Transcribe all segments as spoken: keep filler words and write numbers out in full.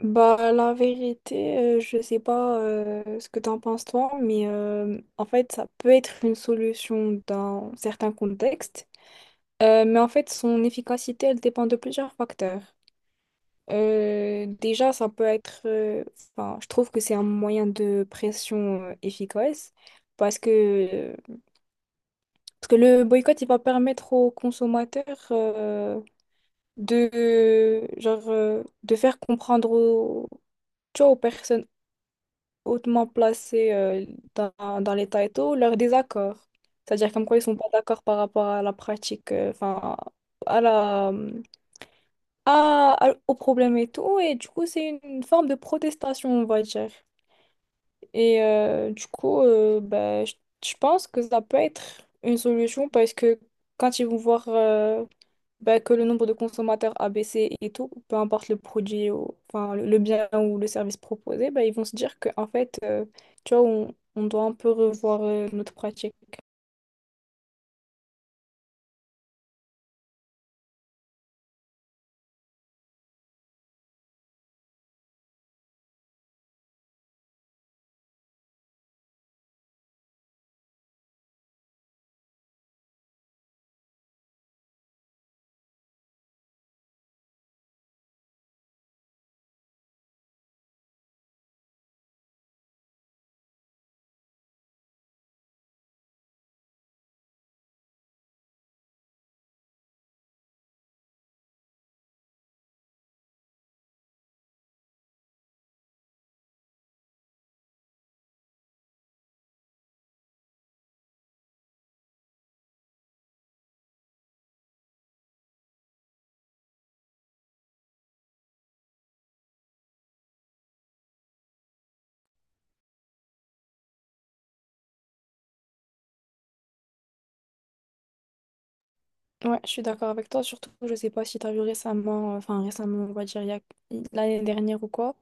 Bah, la vérité, euh, je sais pas euh, ce que t'en penses toi, mais euh, en fait, ça peut être une solution dans certains contextes. Euh, mais en fait, son efficacité, elle dépend de plusieurs facteurs. Euh, déjà, ça peut être, euh, enfin, je trouve que c'est un moyen de pression euh, efficace parce que, parce que le boycott, il va permettre aux consommateurs euh, de, genre, euh, de faire comprendre aux, tu vois, aux personnes hautement placés euh, dans, dans les et leur désaccord. C'est-à-dire comme quoi ils sont pas d'accord par rapport à la pratique, euh, enfin, à la, à, à- au problème et tout. Et du coup, c'est une forme de protestation, on va dire. Et euh, du coup, euh, ben, je je pense que ça peut être une solution parce que quand ils vont voir, euh, bah, que le nombre de consommateurs a baissé et tout, peu importe le produit, ou, enfin, le le bien ou le service proposé, bah, ils vont se dire que en fait, euh, tu vois, on, on doit un peu revoir euh, notre pratique. Ouais, je suis d'accord avec toi. Surtout, je sais pas si tu as vu récemment, euh, enfin récemment, on va dire il y a- l'année dernière ou quoi,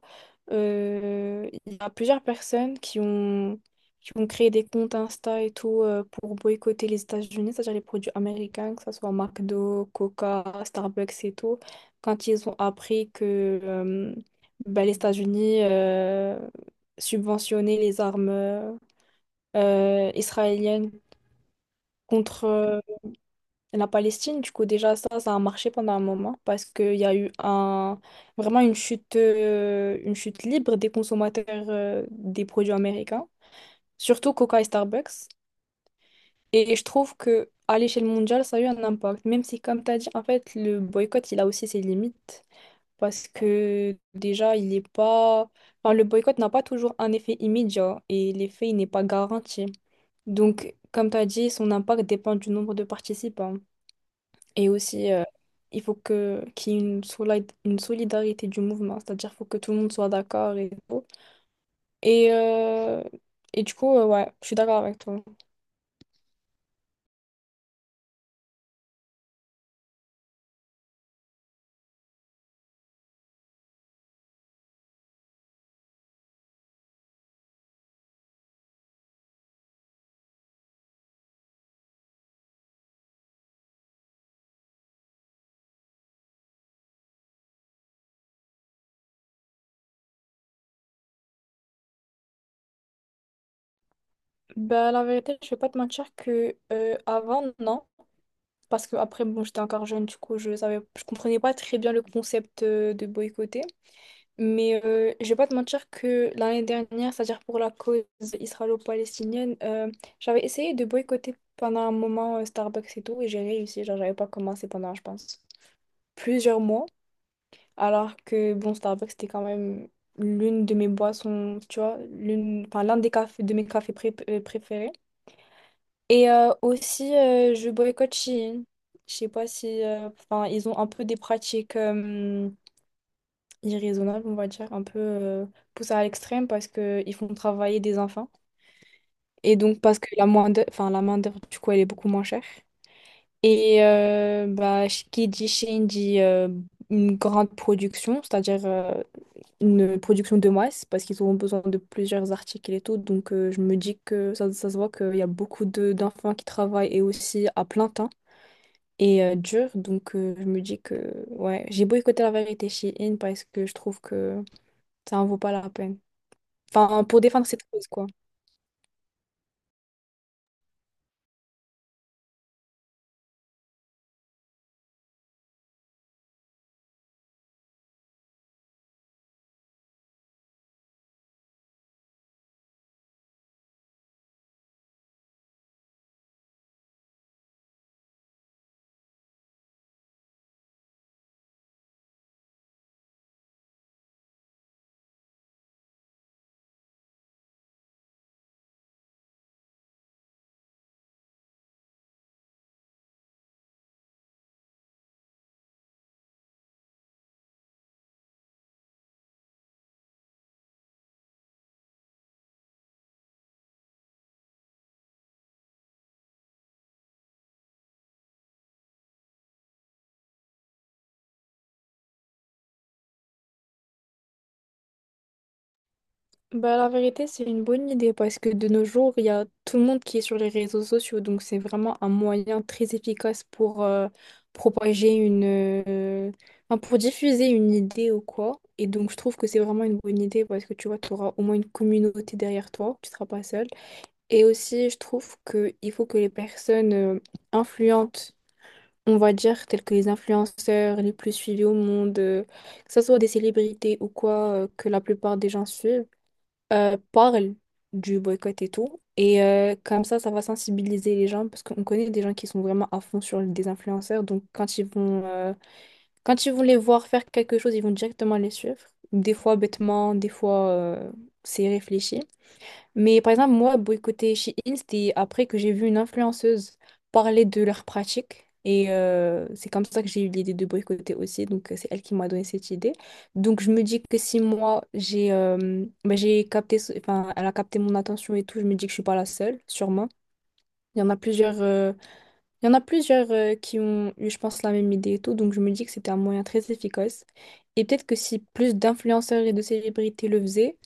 euh, il y a plusieurs personnes qui ont, qui ont créé des comptes Insta et tout euh, pour boycotter les États-Unis, c'est-à-dire les produits américains, que ce soit McDo, Coca, Starbucks et tout, quand ils ont appris que euh, bah, les États-Unis euh, subventionnaient les armes euh, israéliennes contre euh, la Palestine. Du coup, déjà, ça, ça a marché pendant un moment parce qu'il y a eu un, vraiment une chute, euh, une chute libre des consommateurs euh, des produits américains, surtout Coca et Starbucks. Et je trouve que à l'échelle mondiale, ça a eu un impact, même si, comme tu as dit, en fait, le boycott, il a aussi ses limites parce que déjà, il n'est pas, enfin, le boycott n'a pas toujours un effet immédiat et l'effet, il n'est pas garanti. Donc, comme tu as dit, son impact dépend du nombre de participants. Et aussi, euh, il faut que qu'il y ait une, solid- une solidarité du mouvement, c'est-à-dire qu'il faut que tout le monde soit d'accord et tout. Et, euh, et du coup, euh, ouais, je suis d'accord avec toi. Ben, la vérité, je vais pas te mentir que euh, avant, non. Parce que après, bon, j'étais encore jeune, du coup, je savais, je comprenais pas très bien le concept euh, de boycotter. Mais euh, je vais pas te mentir que l'année dernière, c'est-à-dire pour la cause israélo-palestinienne, euh, j'avais essayé de boycotter pendant un moment euh, Starbucks et tout, et j'ai réussi. Genre, j'avais pas commencé pendant, je pense, plusieurs mois. Alors que, bon, Starbucks, c'était quand même l'une de mes boissons, tu vois, l'une, enfin, l'un des cafés, de mes cafés pré- euh, préférés. Et euh, aussi, euh, je boycotte Shein. Je sais pas si, euh, enfin, ils ont un peu des pratiques, euh, irraisonnable on va dire, un peu euh, poussés à l'extrême parce qu'ils font travailler des enfants. Et donc parce que la main d'œuvre, enfin, la main d'œuvre, du coup, elle est beaucoup moins chère. Et euh, bah, ch- qui dit Chine dit euh, une grande production, c'est-à-dire euh, une production de masse, parce qu'ils auront besoin de plusieurs articles et tout. Donc euh, je me dis que ça, ça se voit qu'il y a beaucoup de d'enfants qui travaillent et aussi à plein temps et euh, dur. Donc euh, je me dis que ouais, j'ai boycotté la vérité Shein parce que je trouve que ça en vaut pas la peine. Enfin, pour défendre cette cause, quoi. Bah, la vérité, c'est une bonne idée parce que de nos jours, il y a tout le monde qui est sur les réseaux sociaux. Donc, c'est vraiment un moyen très efficace pour euh, propager une... euh, enfin, pour diffuser une idée ou quoi. Et donc, je trouve que c'est vraiment une bonne idée parce que tu vois, tu auras au moins une communauté derrière toi. Tu seras pas seul. Et aussi, je trouve qu'il faut que les personnes euh, influentes, on va dire, telles que les influenceurs les plus suivis au monde, euh, que ce soit des célébrités ou quoi, euh, que la plupart des gens suivent, euh, parlent du boycott et tout. Et euh, comme ça, ça va sensibiliser les gens parce qu'on connaît des gens qui sont vraiment à fond sur des influenceurs. Donc, quand ils vont, euh, quand ils vont les voir faire quelque chose, ils vont directement les suivre. Des fois bêtement, des fois euh, c'est réfléchi. Mais par exemple, moi, boycotter Shein, c'était après que j'ai vu une influenceuse parler de leur pratique. Et euh, c'est comme ça que j'ai eu l'idée de boycotter aussi. Donc, euh, c'est elle qui m'a donné cette idée. Donc, je me dis que si moi, j'ai euh, bah, j'ai capté, ce- enfin, elle a capté mon attention et tout, je me dis que je suis pas la seule, sûrement. Il y en a plusieurs, euh, il y en a plusieurs euh, qui ont eu, je pense, la même idée et tout. Donc, je me dis que c'était un moyen très efficace. Et peut-être que si plus d'influenceurs et de célébrités le faisaient,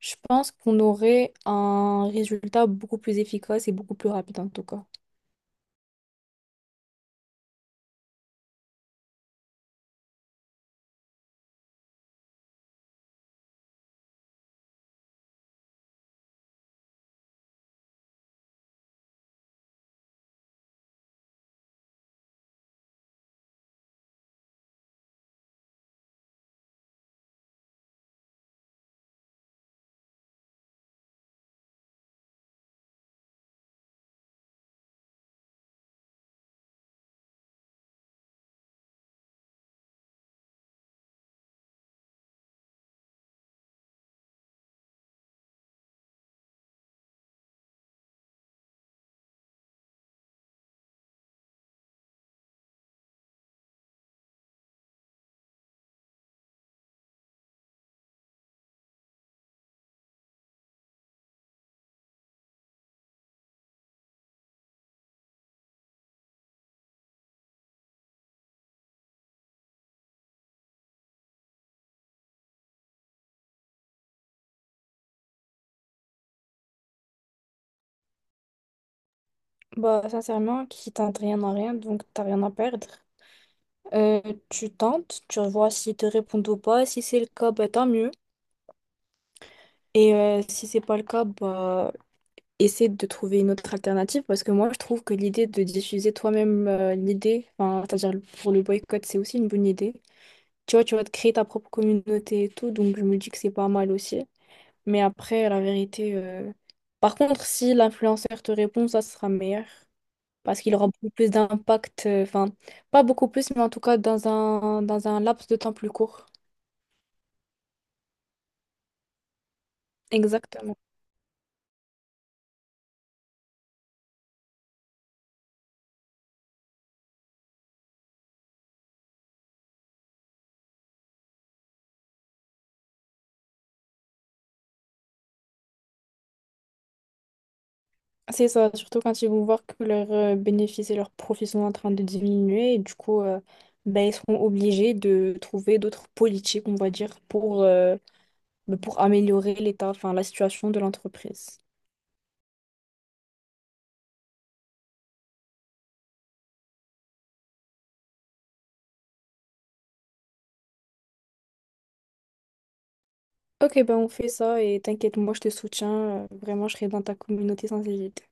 je pense qu'on aurait un résultat beaucoup plus efficace et beaucoup plus rapide en tout cas. Bah, sincèrement, qui tente rien à rien, donc t'as rien à perdre. Euh, Tu tentes, tu vois s'ils te répondent ou pas. Si c'est le cas, bah, tant mieux. Et euh, si c'est pas le cas, bah, essaie de trouver une autre alternative parce que moi, je trouve que l'idée de diffuser toi-même euh, l'idée, enfin, c'est-à-dire pour le boycott, c'est aussi une bonne idée. Tu vois, tu vas te créer ta propre communauté et tout, donc je me dis que c'est pas mal aussi. Mais après, la vérité. euh, Par contre, si l'influenceur te répond, ça sera meilleur. Parce qu'il aura beaucoup plus d'impact. euh, Enfin, pas beaucoup plus, mais en tout cas, dans un, dans un laps de temps plus court. Exactement. C'est ça, surtout quand ils vont voir que leurs euh, bénéfices et leurs profits sont en train de diminuer. Et du coup, euh, ben, ils seront obligés de trouver d'autres politiques, on va dire, pour, euh, ben, pour améliorer l'état, enfin, la situation de l'entreprise. Ok, ben on fait ça et t'inquiète, moi je te soutiens. euh, Vraiment, je serai dans ta communauté sans hésiter.